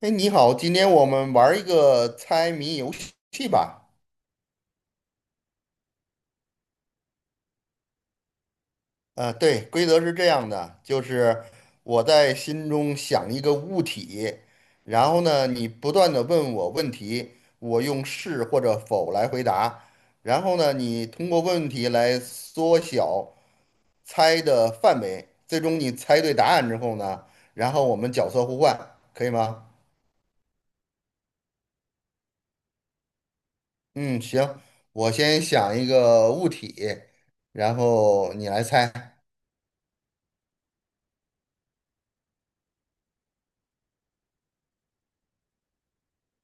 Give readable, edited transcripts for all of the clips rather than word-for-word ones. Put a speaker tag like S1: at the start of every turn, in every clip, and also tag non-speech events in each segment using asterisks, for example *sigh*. S1: 哎，你好，今天我们玩儿一个猜谜游戏吧。对，规则是这样的，就是我在心中想一个物体，然后呢，你不断的问我问题，我用是或者否来回答，然后呢，你通过问题来缩小猜的范围，最终你猜对答案之后呢，然后我们角色互换，可以吗？嗯，行，我先想一个物体，然后你来猜。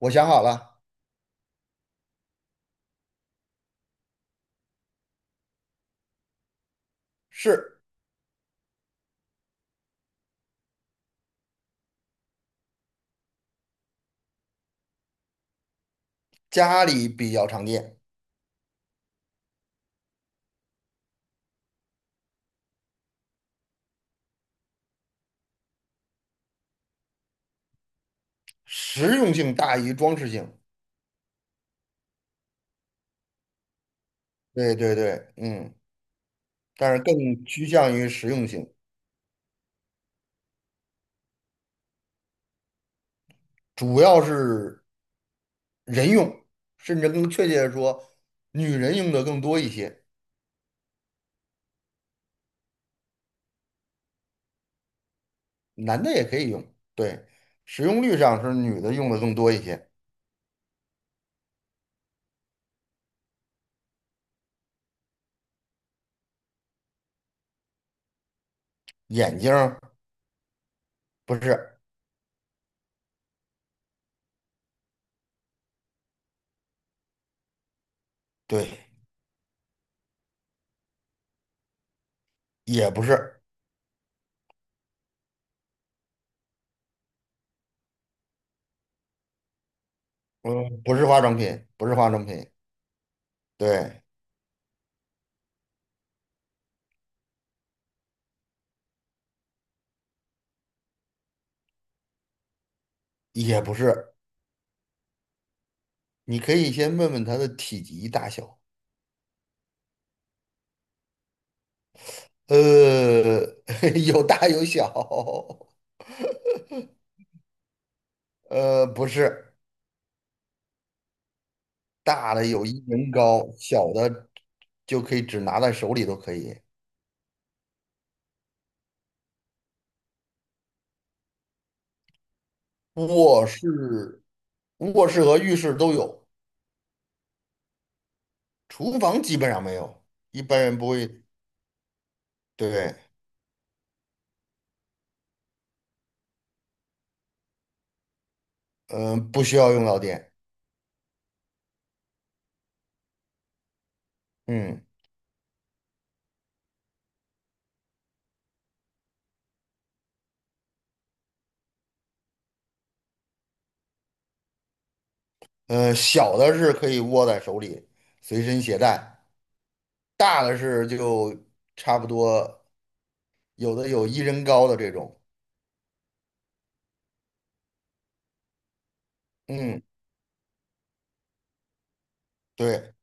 S1: 我想好了，是家里比较常见，实用性大于装饰性。对对对，嗯，但是更趋向于实用性，主要是人用，甚至更确切的说，女人用的更多一些，男的也可以用。对，使用率上是女的用的更多一些。眼镜儿不是，对，也不是，嗯，不是化妆品，不是化妆品，对，也不是。你可以先问问它的体积大小。呃，*laughs* 有大有小，不是，大的有一人高，小的就可以只拿在手里都可以。卧室、卧室和浴室都有，厨房基本上没有，一般人不会，对，嗯、不需要用到电，嗯，小的是可以握在手里，随身携带，大的是就差不多，有的有一人高的这种，嗯，对，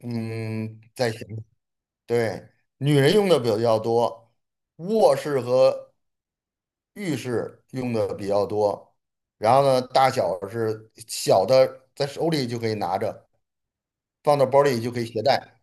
S1: 嗯，再想。对，女人用的比较多，卧室和浴室用的比较多。然后呢，大小是小的，在手里就可以拿着，放到包里就可以携带。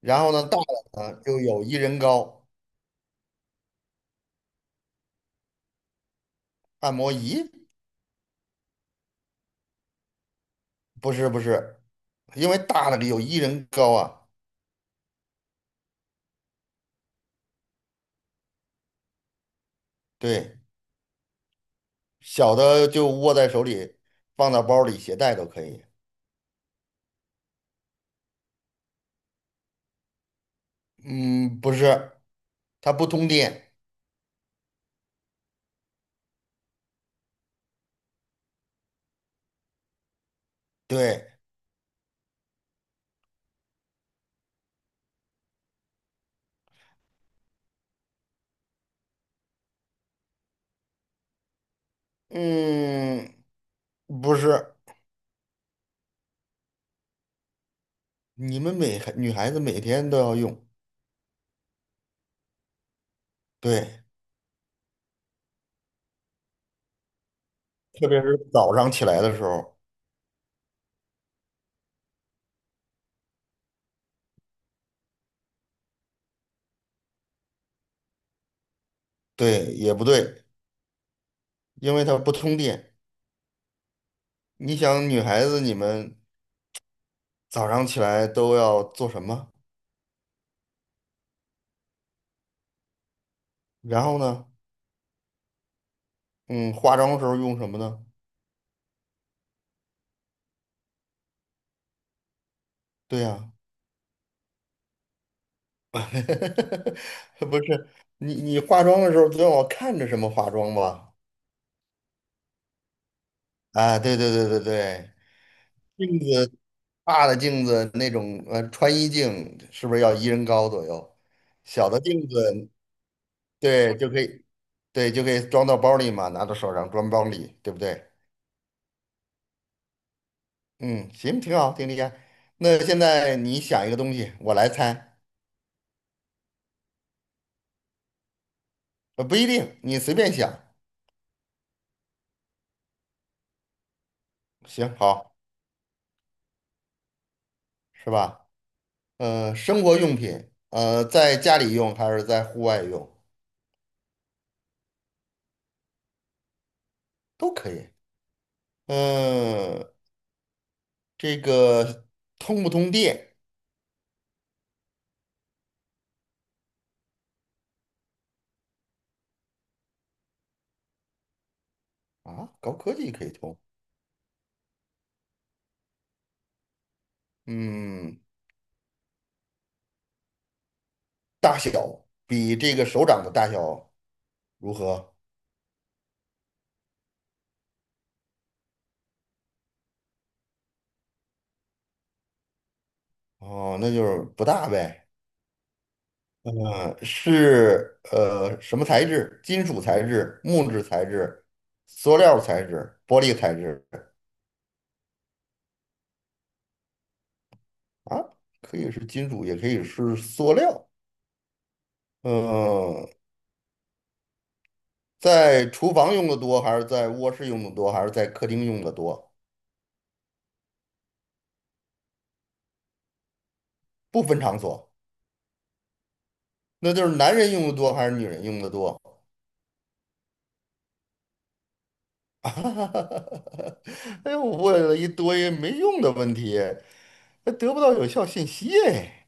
S1: 然后呢，大的呢就有一人高按摩仪，不是不是，因为大的有一人高啊，对，小的就握在手里，放到包里携带都可以。嗯，不是，它不通电。对，嗯，不是。你们每孩女孩子每天都要用，对，特别是早上起来的时候，对，也不对，因为它不通电。你想，女孩子你们早上起来都要做什么？然后呢，嗯，化妆的时候用什么呢？对呀、*laughs* 不是你化妆的时候总要看着什么化妆吧？啊，对对对对对，镜子大的镜子那种，穿衣镜是不是要一人高左右？小的镜子对，就可以，对，就可以装到包里嘛，拿到手上装包里，对不对？嗯，行，挺好，挺厉害。那现在你想一个东西，我来猜，不一定，你随便想，行，好，是吧？生活用品，在家里用还是在户外用都可以。嗯、这个通不通电啊？高科技可以通。嗯，大小比这个手掌的大小如何？哦，那就是不大呗。是什么材质？金属材质、木质材质、塑料材质、玻璃材质啊，可以是金属，也可以是塑料。嗯、在厨房用的多，还是在卧室用的多，还是在客厅用的多？不分场所，那就是男人用的多还是女人用的多？*laughs* 哎呦，我问了一堆没用的问题，还得不到有效信息哎。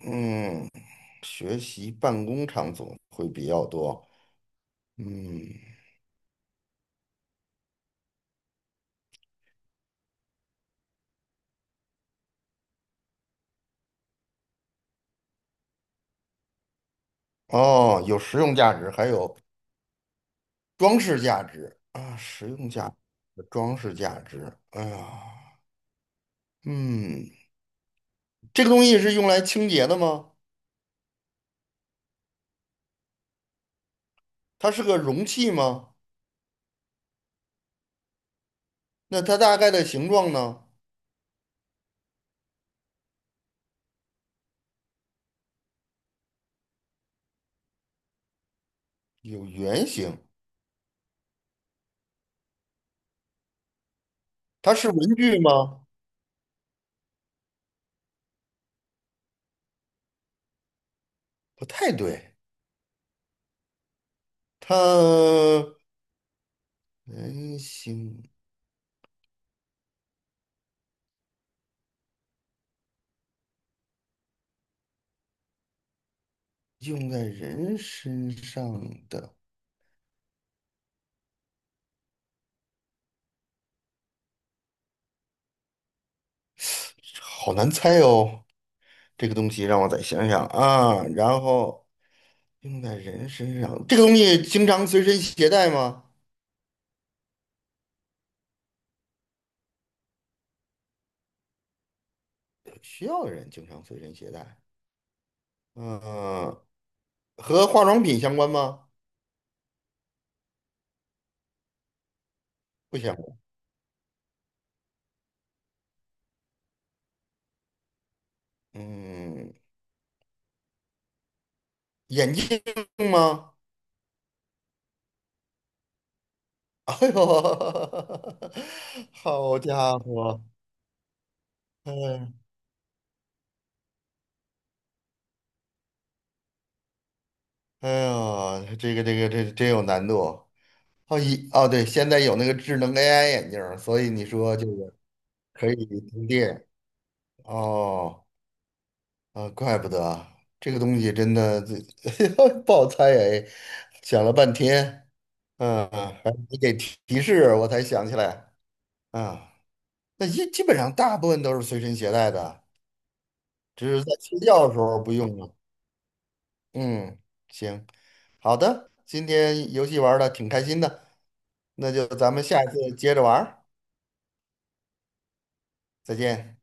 S1: 嗯。学习办公场所会比较多。嗯，哦，有实用价值，还有装饰价值啊，实用价值、装饰价值。哎呀，嗯，这个东西是用来清洁的吗？它是个容器吗？那它大概的形状呢？有圆形。它是文具吗？不太对，它圆形用在人身上的，好难猜哦。这个东西让我再想想啊，然后用在人身上，这个东西经常随身携带吗？需要的人经常随身携带。嗯、和化妆品相关吗？不相关。嗯，眼镜吗？*laughs* 哎呦，*laughs* 好家伙！嗯，哎呦，这个这真有难度。哦，对，现在有那个智能 AI 眼镜儿所以你说这个可以充电哦。啊，怪不得啊这个东西真的这 *laughs* 不好猜 *laughs* 哎，想了半天，嗯，还是你给提提示我才想起来啊。那基本上大部分都是随身携带的，只是在睡觉的时候不用了。嗯，行，好的，今天游戏玩的挺开心的，那就咱们下次接着玩儿再见。